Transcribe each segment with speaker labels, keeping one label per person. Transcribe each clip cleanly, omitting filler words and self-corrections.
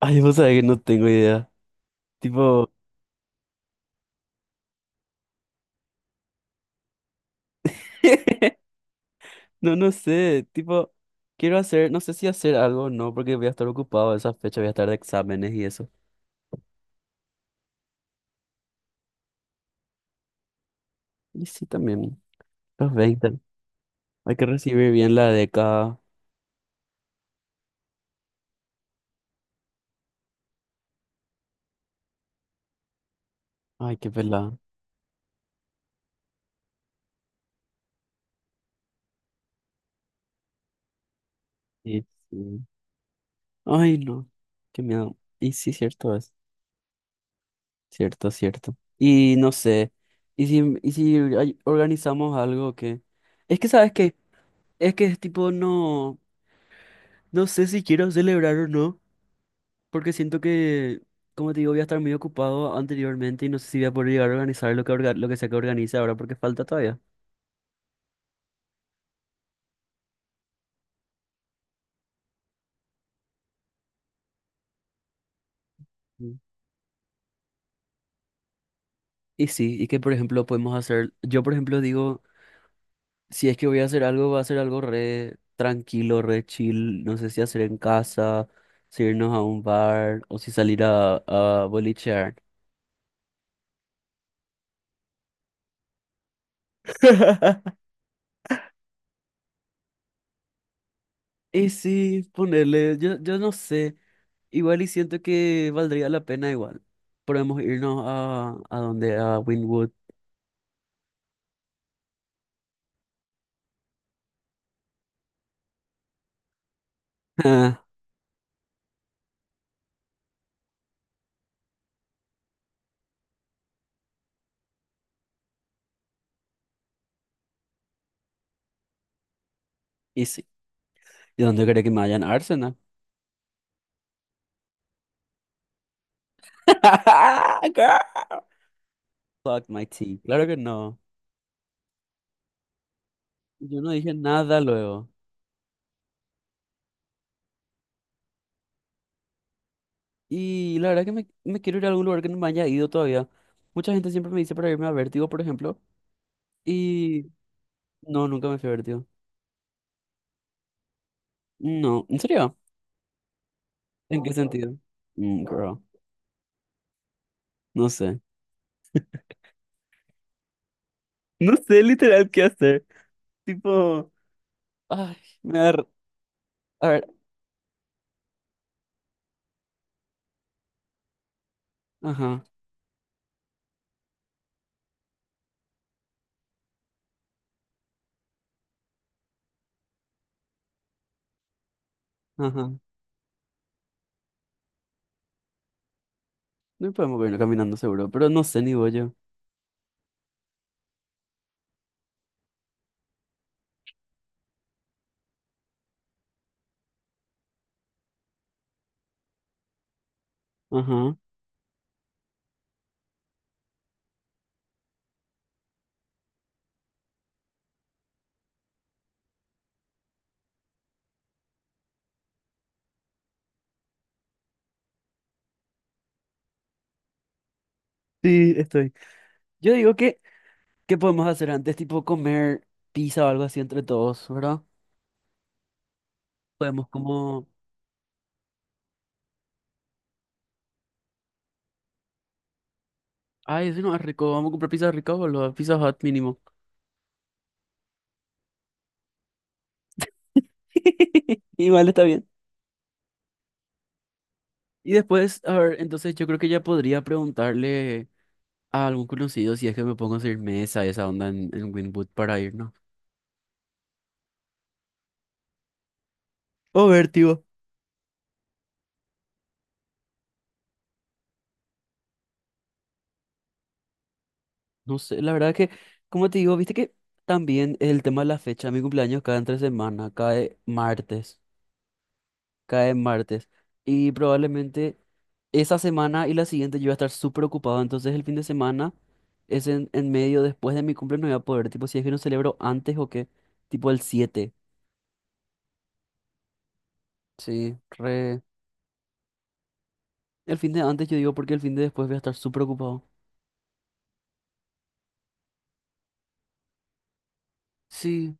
Speaker 1: Ay, vos sabés que no tengo idea. Tipo, no, no sé. Tipo, quiero hacer, no sé si hacer algo o no, porque voy a estar ocupado esa fecha, voy a estar de exámenes y eso. Y sí, también, los 20. Hay que recibir bien la década. Ay, qué pelada. Sí, sí. Ay, no. Qué miedo. Y sí, cierto es. Cierto, cierto. Y no sé. Y si organizamos algo que. Es que, ¿sabes qué? Es que es tipo, no. No sé si quiero celebrar o no. Porque siento que, como te digo, voy a estar muy ocupado anteriormente y no sé si voy a poder llegar a organizar lo que, lo que sea que organice ahora porque falta todavía. Mm. Y sí, y que por ejemplo podemos hacer, yo por ejemplo digo, si es que voy a hacer algo, va a ser algo re tranquilo, re chill, no sé si hacer en casa, si irnos a un bar o si salir a, bolichear. Y sí, ponerle, yo no sé, igual y siento que valdría la pena igual. Podemos irnos a donde, a Wynwood. Y sí. ¿Y dónde cree que me vayan Arsenal? Girl, fuck my tea. Claro que no. Yo no dije nada luego. Y la verdad que me quiero ir a algún lugar que no me haya ido todavía. Mucha gente siempre me dice para irme a Vértigo, por ejemplo. Y no, nunca me fui a Vértigo. No, ¿en serio? ¿En qué sentido? Girl, no sé. No sé literal qué hacer. Tipo, ay, me da... r- A ver, ajá, ajá. No podemos irnos caminando seguro, pero no sé ni voy yo. Ajá. Sí, estoy. Yo digo que, ¿qué podemos hacer antes? Tipo comer pizza o algo así entre todos, ¿verdad? Podemos como... Ay, eso no es rico. Vamos a comprar pizza rica, boludo. Pizza Hut mínimo. Igual está bien. Y después, a ver, entonces yo creo que ya podría preguntarle a algún conocido si es que me pongo a hacer mesa, esa onda en Winwood para irnos. O ver, tío. No sé, la verdad que, como te digo, viste que también el tema de la fecha, mi cumpleaños cae entre semana, cae martes, cae martes. Y probablemente... Esa semana y la siguiente yo voy a estar súper ocupado, entonces el fin de semana es en medio, después de mi cumple no voy a poder, tipo si es que no celebro antes o qué, tipo el 7 sí, re... El fin de antes yo digo porque el fin de después voy a estar súper ocupado. Sí,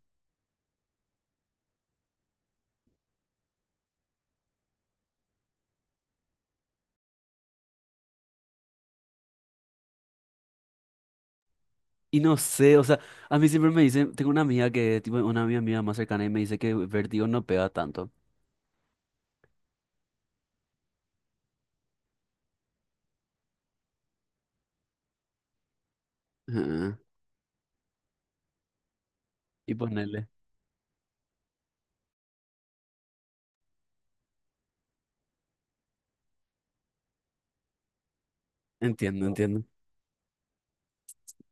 Speaker 1: y no sé, o sea, a mí siempre me dicen, tengo una amiga que, tipo una amiga mía más cercana y me dice que vértigo no pega tanto. Ah, y ponerle. Entiendo, entiendo.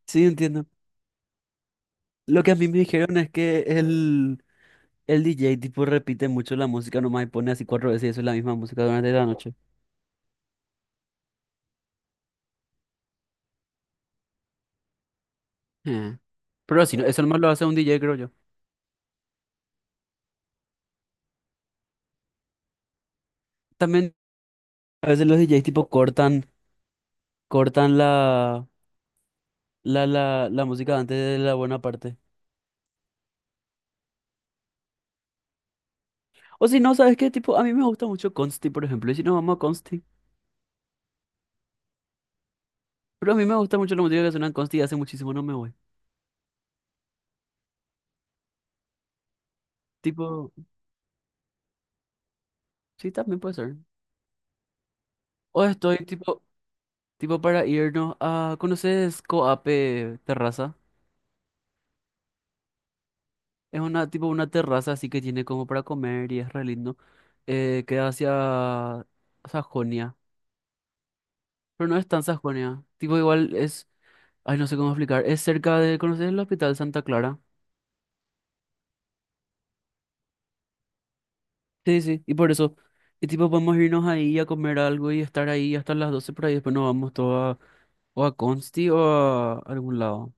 Speaker 1: Sí, entiendo. Lo que a mí me dijeron es que el DJ tipo repite mucho la música nomás y pone así cuatro veces y eso es la misma música durante la noche. Eh, Pero así, eso nomás lo hace un DJ, creo yo. También a veces los DJs tipo cortan la música antes de la buena parte. O si no, ¿sabes qué? Tipo, a mí me gusta mucho Consti, por ejemplo. Y si no, vamos a Consti. Pero a mí me gusta mucho la música que suena en Consti y hace muchísimo no me voy. Tipo, sí, también puede ser. O estoy tipo, para irnos a... ¿Conoces Coape Terraza? Es una tipo una terraza así que tiene como para comer y es re lindo. Queda hacia Sajonia, pero no es tan Sajonia. Tipo igual es, ay no sé cómo explicar, es cerca de, ¿conoces el Hospital Santa Clara? Sí, sí, y por eso. Y tipo podemos irnos ahí a comer algo y estar ahí hasta las 12 por ahí, después nos vamos todo a, o a Consti o a algún lado.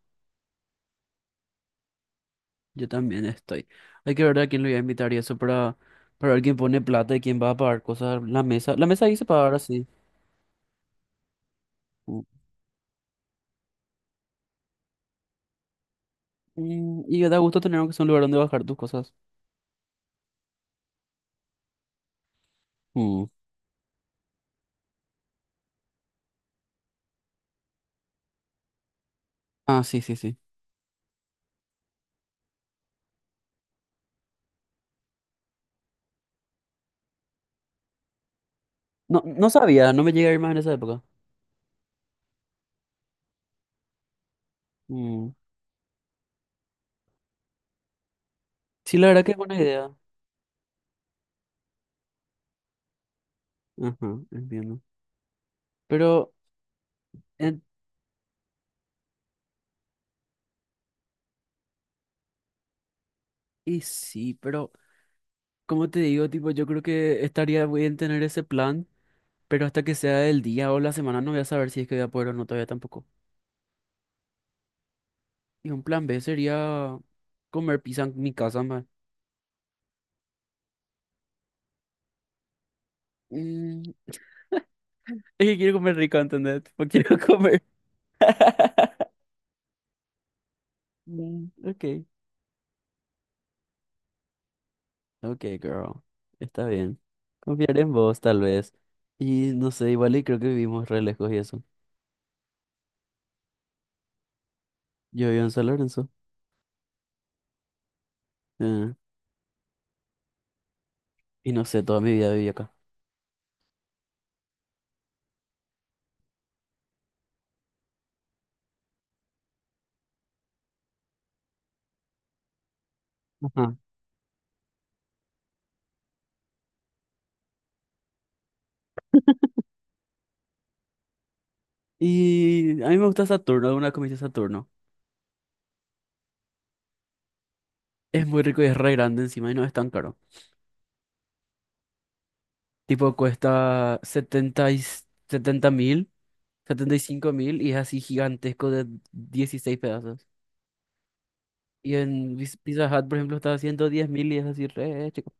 Speaker 1: Yo también estoy. Hay que ver a quién lo voy a invitar y eso para ver quién pone plata y quién va a pagar cosas. La mesa ahí se paga ahora sí. Y da gusto tener aunque sea un lugar donde bajar tus cosas. Mm. Ah, sí, sí, sí. No, no sabía, no me llegué a ir más en esa época. Mm. Sí, la verdad que es buena idea. Ajá, entiendo. Pero, en- y sí, pero, como te digo, tipo, yo creo que estaría bien tener ese plan, pero hasta que sea el día o la semana no voy a saber si es que voy a poder o no todavía tampoco. Y un plan B sería comer pizza en mi casa, man. Mm, Es que quiero comer rico, ¿entendés? Porque quiero comer. Mm, ok. Ok, girl. Está bien. Confiaré en vos, tal vez. Y no sé, igual y creo que vivimos re lejos y eso. Yo vivo en San Lorenzo. eh, y no sé, toda mi vida viví acá. Ajá. Y a mí me gusta Saturno, una comida Saturno. Es muy rico y es re grande encima y no es tan caro. Tipo, cuesta 70 y 70.000, 75.000 y es así gigantesco de 16 pedazos. Y en Pizza Hut, por ejemplo, está a 110.000 y es así re chico.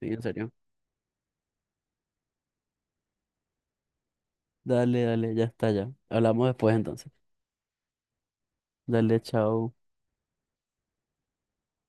Speaker 1: Sí, en serio. Dale, dale, ya está, ya. Hablamos después entonces. Dale, chao.